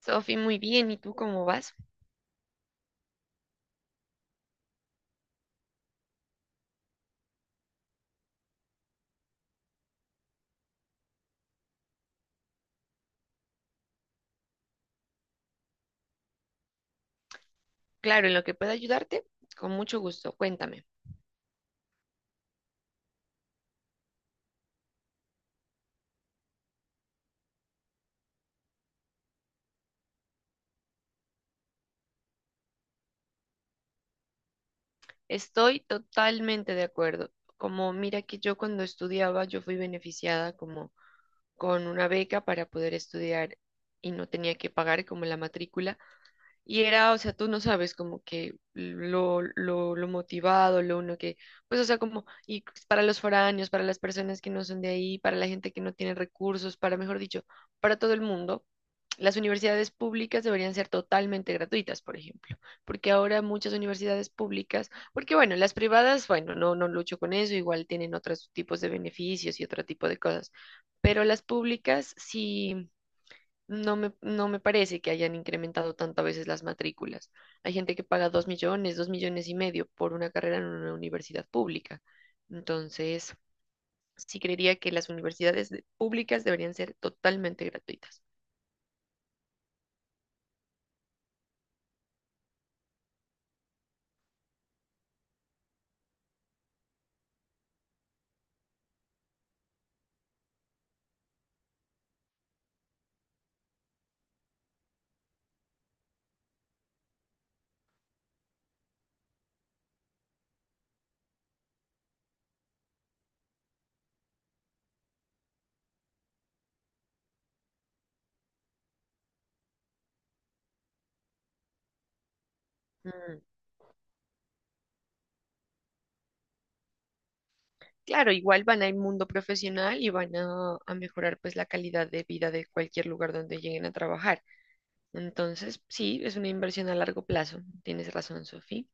Sofi, muy bien. ¿Y tú cómo vas? Claro, en lo que pueda ayudarte, con mucho gusto. Cuéntame. Estoy totalmente de acuerdo. Como mira que yo cuando estudiaba, yo fui beneficiada como con una beca para poder estudiar y no tenía que pagar como la matrícula. Y era, o sea, tú no sabes como que lo motivado, lo uno que, pues, o sea, como, y para los foráneos, para las personas que no son de ahí, para la gente que no tiene recursos, para, mejor dicho, para todo el mundo, las universidades públicas deberían ser totalmente gratuitas, por ejemplo, porque ahora muchas universidades públicas porque bueno, las privadas, bueno, no, no lucho con eso, igual tienen otros tipos de beneficios y otro tipo de cosas, pero las públicas sí, no me parece que hayan incrementado tanto a veces las matrículas. Hay gente que paga 2 millones, 2,5 millones por una carrera en una universidad pública. Entonces, sí creería que las universidades públicas deberían ser totalmente gratuitas. Mm, claro, igual van al mundo profesional y van a mejorar pues la calidad de vida de cualquier lugar donde lleguen a trabajar. Entonces, sí, es una inversión a largo plazo. Tienes razón, Sofía.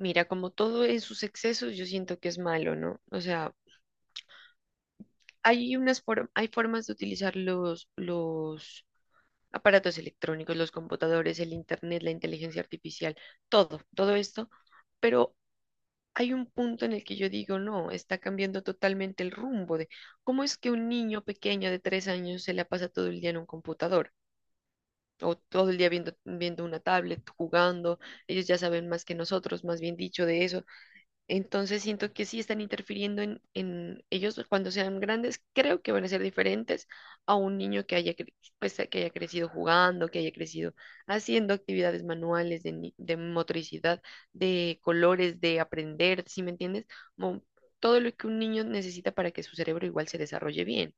Mira, como todo en sus excesos, yo siento que es malo, ¿no? O sea, hay unas hay formas de utilizar los aparatos electrónicos, los computadores, el internet, la inteligencia artificial, todo, todo esto, pero hay un punto en el que yo digo, no, está cambiando totalmente el rumbo de cómo es que un niño pequeño de 3 años se la pasa todo el día en un computador. O todo el día viendo una tablet, jugando, ellos ya saben más que nosotros, más bien dicho, de eso. Entonces siento que sí están interfiriendo en ellos cuando sean grandes, creo que van a ser diferentes a un niño que haya, pues, que haya crecido jugando, que haya crecido haciendo actividades manuales de, de motricidad, de colores, de aprender, ¿sí me entiendes? Como todo lo que un niño necesita para que su cerebro igual se desarrolle bien.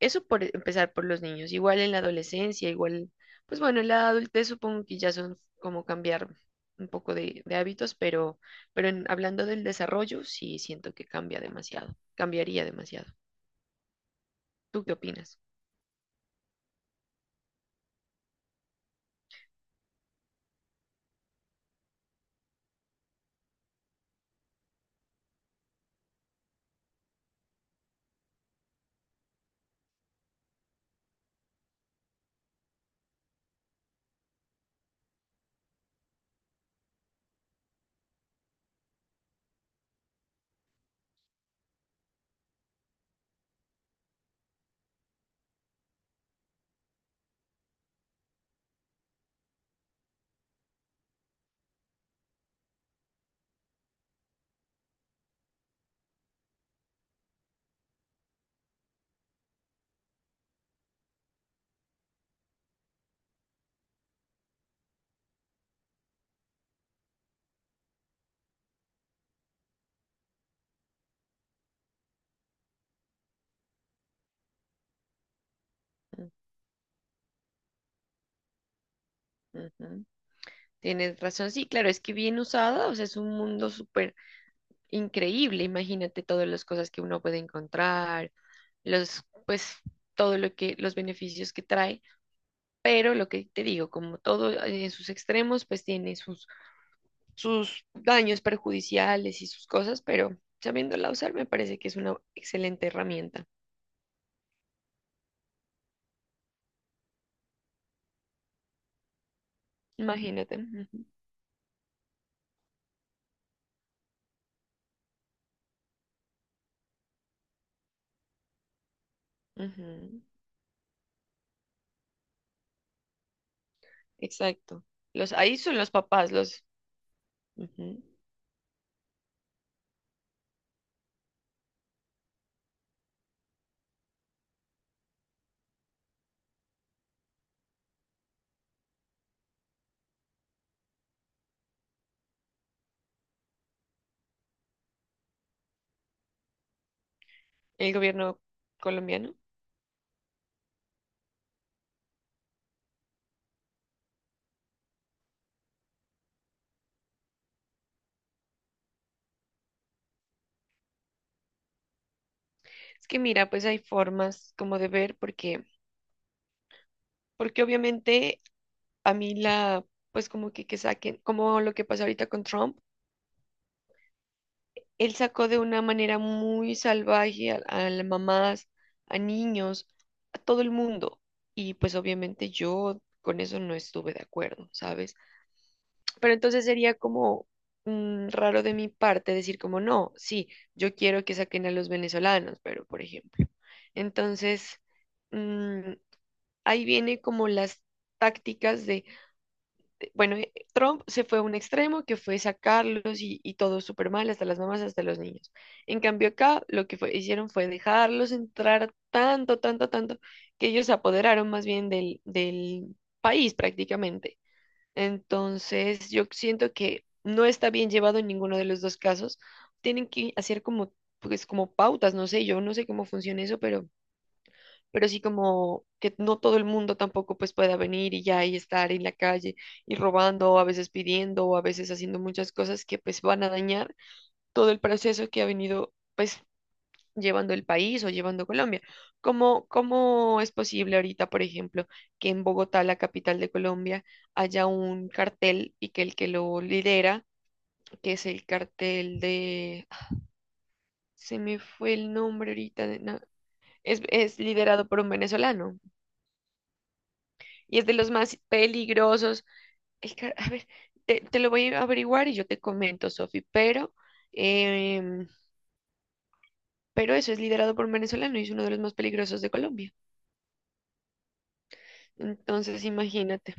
Eso por empezar por los niños. Igual en la adolescencia, igual, pues bueno, en la adultez supongo que ya son como cambiar un poco de hábitos, pero hablando del desarrollo, sí siento que cambia demasiado, cambiaría demasiado. ¿Tú qué opinas? Ujú. Ujú. Tienes razón, sí, claro, es que bien usada, o sea, es un mundo súper increíble, imagínate todas las cosas que uno puede encontrar, los, pues, todo lo que, los beneficios que trae. Pero lo que te digo, como todo en sus extremos, pues tiene sus, sus daños perjudiciales y sus cosas, pero sabiéndola usar me parece que es una excelente herramienta. Imagínate. Ujú, ujú, exacto. Los, ahí son los papás, los. Ujú. El gobierno colombiano. Es que mira, pues hay formas como de ver, porque obviamente a mí la, pues como que, saquen, como lo que pasa ahorita con Trump. Él sacó de una manera muy salvaje a las mamás, a niños, a todo el mundo. Y pues obviamente yo con eso no estuve de acuerdo, ¿sabes? Pero entonces sería como raro de mi parte decir como no, sí, yo quiero que saquen a los venezolanos, pero por ejemplo. Entonces, mm, ahí viene como las tácticas de bueno, Trump se fue a un extremo que fue sacarlos y todo súper mal, hasta las mamás, hasta los niños. En cambio, acá lo que hicieron fue dejarlos entrar tanto, tanto, tanto, que ellos se apoderaron más bien del país prácticamente. Entonces, yo siento que no está bien llevado en ninguno de los dos casos. Tienen que hacer como, pues, como pautas, no sé, yo no sé cómo funciona eso, pero sí como que no todo el mundo tampoco pues pueda venir y ya y estar en la calle y robando, o a veces pidiendo, o a veces haciendo muchas cosas que pues van a dañar todo el proceso que ha venido pues llevando el país o llevando Colombia. ¿Cómo, cómo es posible ahorita, por ejemplo, que en Bogotá, la capital de Colombia, haya un cartel y que el que lo lidera, que es el cartel de... Se me fue el nombre ahorita. No, es liderado por un venezolano. Y es de los más peligrosos. Ay, a ver, te lo voy a averiguar y yo te comento, Sofi, em, pero eso es liderado por un venezolano y es uno de los más peligrosos de Colombia. Entonces, imagínate,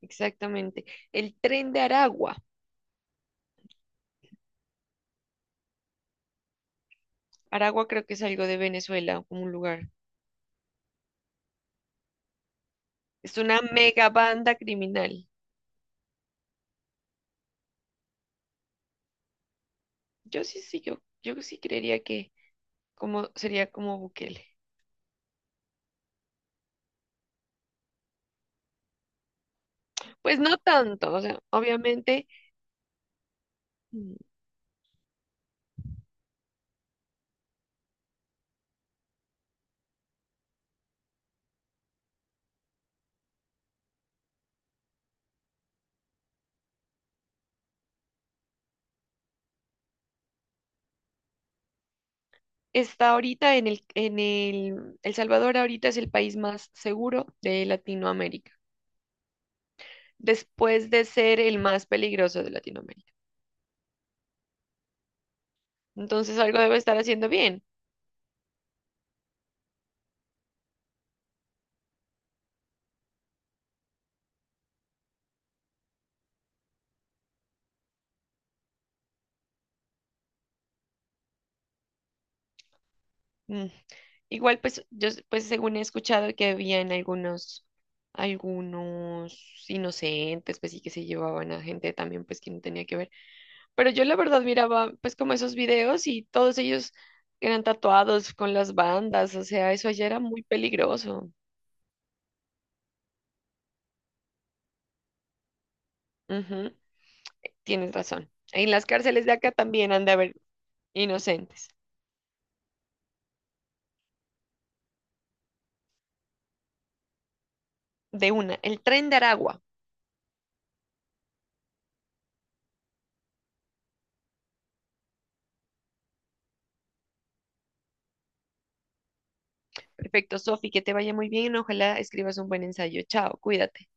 exactamente. El tren de Aragua. Aragua creo que es algo de Venezuela, como un lugar. Es una mega banda criminal. Yo sí creería que como, sería como Bukele. Pues no tanto, o sea, obviamente. Está ahorita en El Salvador. Ahorita es el país más seguro de Latinoamérica, después de ser el más peligroso de Latinoamérica. Entonces algo debe estar haciendo bien. Mm. Igual pues yo pues según he escuchado que habían algunos inocentes pues sí que se llevaban a gente también pues que no tenía que ver. Pero yo la verdad miraba pues como esos videos y todos ellos eran tatuados con las bandas, o sea, eso allá era muy peligroso. Ujú. Tienes razón. En las cárceles de acá también han de haber inocentes. De una, el tren de Aragua. Perfecto, Sofi, que te vaya muy bien. Ojalá escribas un buen ensayo. Chao, cuídate.